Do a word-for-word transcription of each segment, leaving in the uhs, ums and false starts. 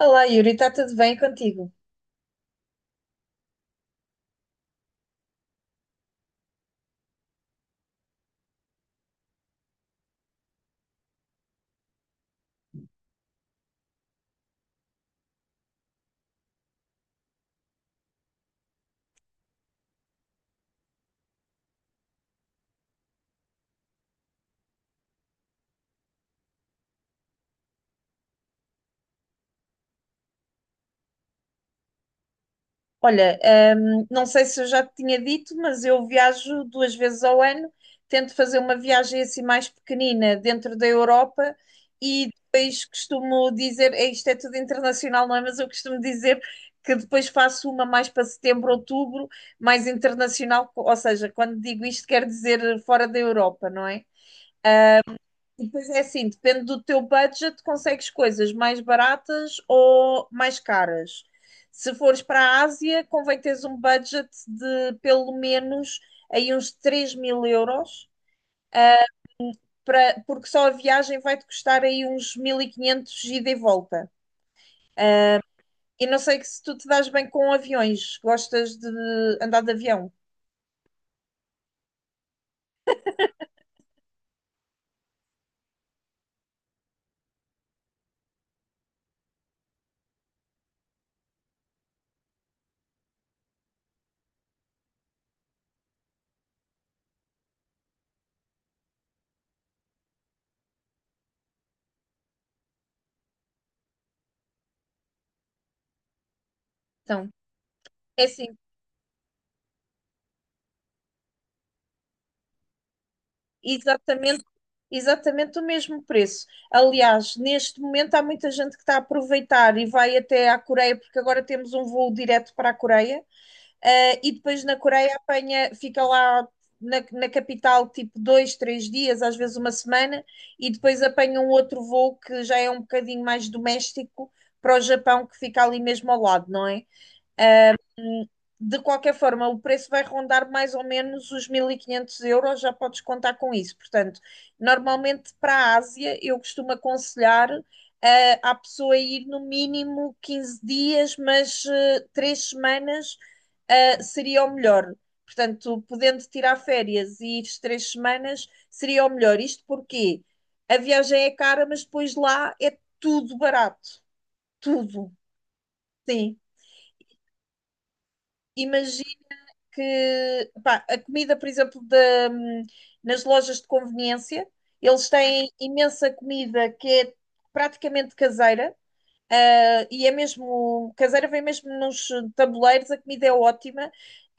Olá, Yuri, está tudo bem contigo? Olha, hum, não sei se eu já te tinha dito, mas eu viajo duas vezes ao ano, tento fazer uma viagem assim mais pequenina dentro da Europa e depois costumo dizer, é, isto é tudo internacional, não é? Mas eu costumo dizer que depois faço uma mais para setembro, outubro, mais internacional, ou seja, quando digo isto quer dizer fora da Europa, não é? Depois é assim, depende do teu budget, consegues coisas mais baratas ou mais caras. Se fores para a Ásia, convém teres um budget de pelo menos aí uns três mil euros, para, porque só a viagem vai-te custar aí uns mil e quinhentos ida e volta. E não sei que se tu te dás bem com aviões, gostas de andar de avião. Então, é assim, exatamente exatamente o mesmo preço. Aliás, neste momento há muita gente que está a aproveitar e vai até à Coreia, porque agora temos um voo direto para a Coreia, eh, e depois na Coreia apanha, fica lá na, na capital tipo dois, três dias, às vezes uma semana, e depois apanha um outro voo que já é um bocadinho mais doméstico para o Japão, que fica ali mesmo ao lado, não é? De qualquer forma, o preço vai rondar mais ou menos os mil e quinhentos euros, já podes contar com isso. Portanto, normalmente para a Ásia, eu costumo aconselhar eh, à pessoa ir no mínimo quinze dias, mas eh, três semanas eh, seria o melhor. Portanto, podendo tirar férias e ir três semanas seria o melhor. Isto porque a viagem é cara, mas depois lá é tudo barato. Tudo. Sim. Imagina que pá, a comida, por exemplo, da- nas lojas de conveniência, eles têm imensa comida que é praticamente caseira. Ah, e é mesmo caseira, vem mesmo nos tabuleiros, a comida é ótima.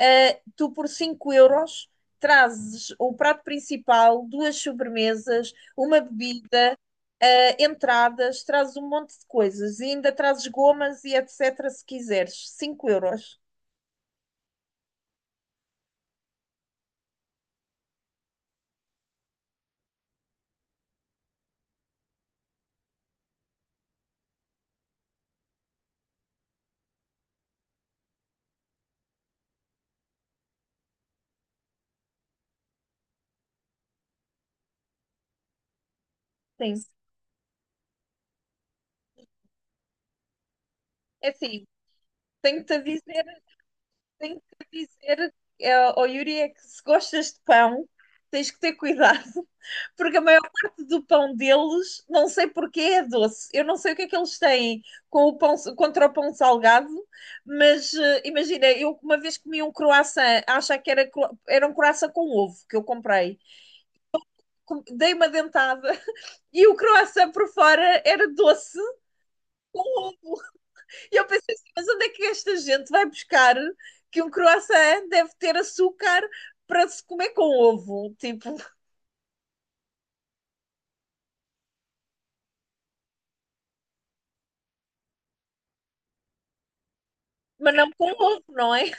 Ah, tu por cinco euros trazes o prato principal, duas sobremesas, uma bebida, ah, entradas, trazes um monte de coisas e ainda trazes gomas e etcétera se quiseres. Cinco euros. Sim. É assim, Tenho-te a dizer, tenho-te a dizer, eh, ó Yuri, é que se gostas de pão, tens que ter cuidado, porque a maior parte do pão deles, não sei porquê, é doce. Eu não sei o que é que eles têm com o pão, contra o pão salgado, mas eh, imagina, eu uma vez comi um croissant, acho que era, cro- era um croissant com ovo que eu comprei. Com- Dei uma dentada e o croissant por fora era doce com ovo. E eu pensei assim, mas onde é que esta gente vai buscar que um croissant deve ter açúcar para se comer com ovo? Tipo, mas não com ovo, não é?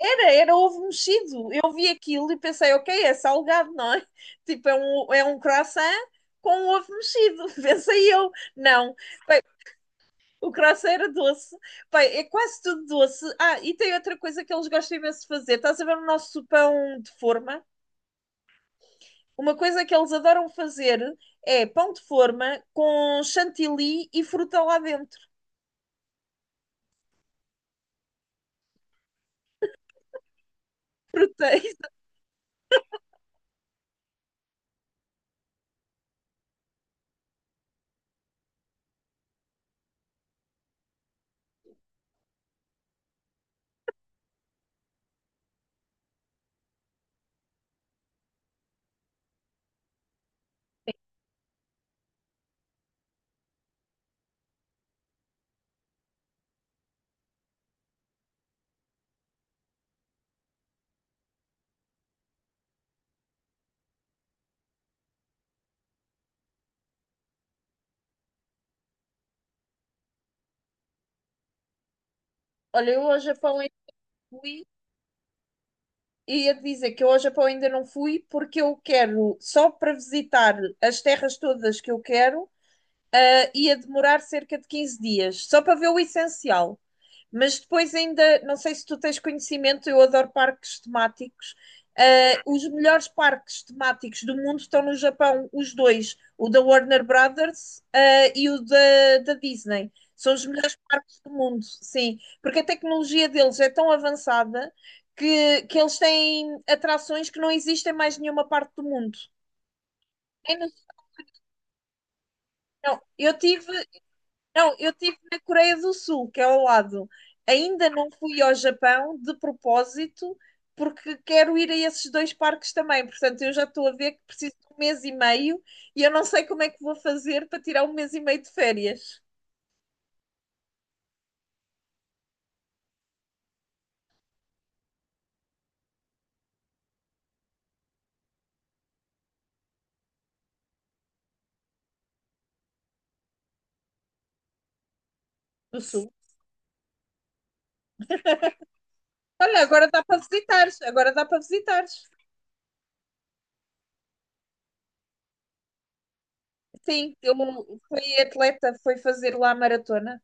Era, era ovo mexido. Eu vi aquilo e pensei, ok, é salgado, não é? Tipo, é um, é um croissant com ovo mexido. Pensei eu, não. Bem, o croissant era doce. Bem, é quase tudo doce. Ah, e tem outra coisa que eles gostam imenso de fazer. Estás a ver o nosso pão de forma? Uma coisa que eles adoram fazer é pão de forma com chantilly e fruta lá dentro. Frutei. Olha, eu hoje a pão ainda fui e ia dizer que eu hoje a pão ainda não fui porque eu quero só para visitar as terras todas que eu quero ah, ia demorar cerca de quinze dias, só para ver o essencial. Mas depois ainda, não sei se tu tens conhecimento, eu adoro parques temáticos. Ah, os melhores parques temáticos do mundo estão no Japão, os dois, o da Warner Brothers, ah, e o da, da Disney. São os melhores parques do mundo, sim, porque a tecnologia deles é tão avançada que, que eles têm atrações que não existem em mais nenhuma parte do mundo. É no- não, eu tive Não, eu estive na Coreia do Sul, que é ao lado. Ainda não fui ao Japão de propósito, porque quero ir a esses dois parques também. Portanto, eu já estou a ver que preciso de um mês e meio e eu não sei como é que vou fazer para tirar um mês e meio de férias do Sul. Olha, agora dá para visitares, agora dá para visitares. Sim, eu fui atleta, foi fazer lá a maratona.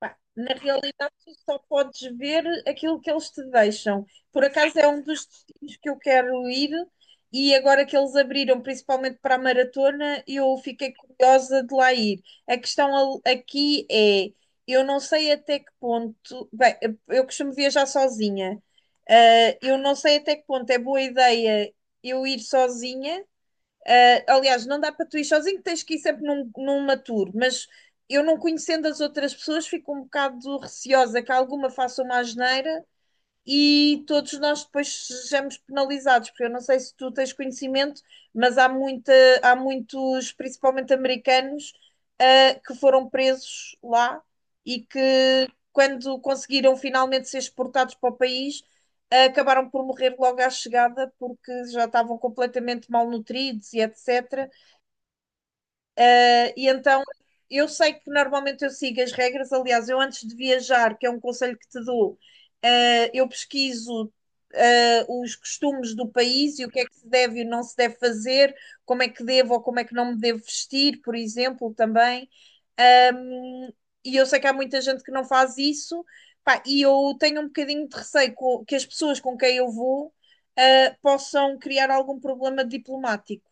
Pá, na realidade, tu só podes ver aquilo que eles te deixam. Por acaso é um dos destinos que eu quero ir, e agora que eles abriram, principalmente para a maratona, eu fiquei curiosa de lá ir. A questão al- aqui é: eu não sei até que ponto. Bem, eu costumo viajar sozinha. Ah, eu não sei até que ponto é boa ideia eu ir sozinha ah, aliás, não dá para tu ir sozinho, tens que ir sempre num, numa tour, mas eu não conhecendo as outras pessoas, fico um bocado receosa que alguma faça uma asneira e todos nós depois sejamos penalizados, porque eu não sei se tu tens conhecimento, mas há, muita, há muitos, principalmente americanos, ah, que foram presos lá e que, quando conseguiram finalmente ser exportados para o país, ah, acabaram por morrer logo à chegada, porque já estavam completamente malnutridos e etcétera. Uh, e então eu sei que normalmente eu sigo as regras. Aliás, eu antes de viajar, que é um conselho que te dou, uh, eu pesquiso uh, os costumes do país e o que é que se deve e não se deve fazer, como é que devo ou como é que não me devo vestir, por exemplo, também. Um, e eu sei que há muita gente que não faz isso, pá, e eu tenho um bocadinho de receio co- que as pessoas com quem eu vou uh, possam criar algum problema diplomático.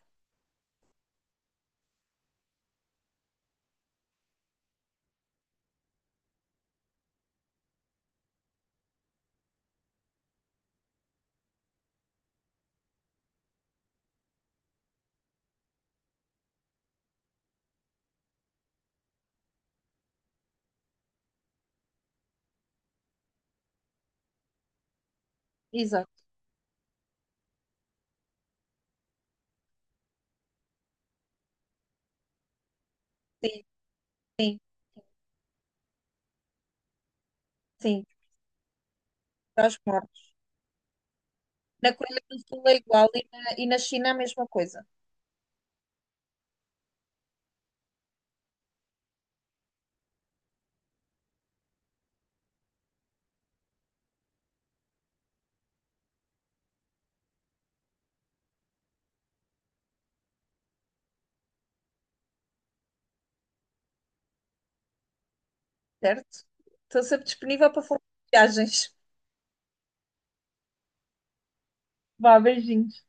Exato, sim, sim, sim. Para os mortos. Na Coreia do Sul é igual e na, e na China a mesma coisa, certo? Estou sempre disponível para falar de viagens. Vá, beijinhos.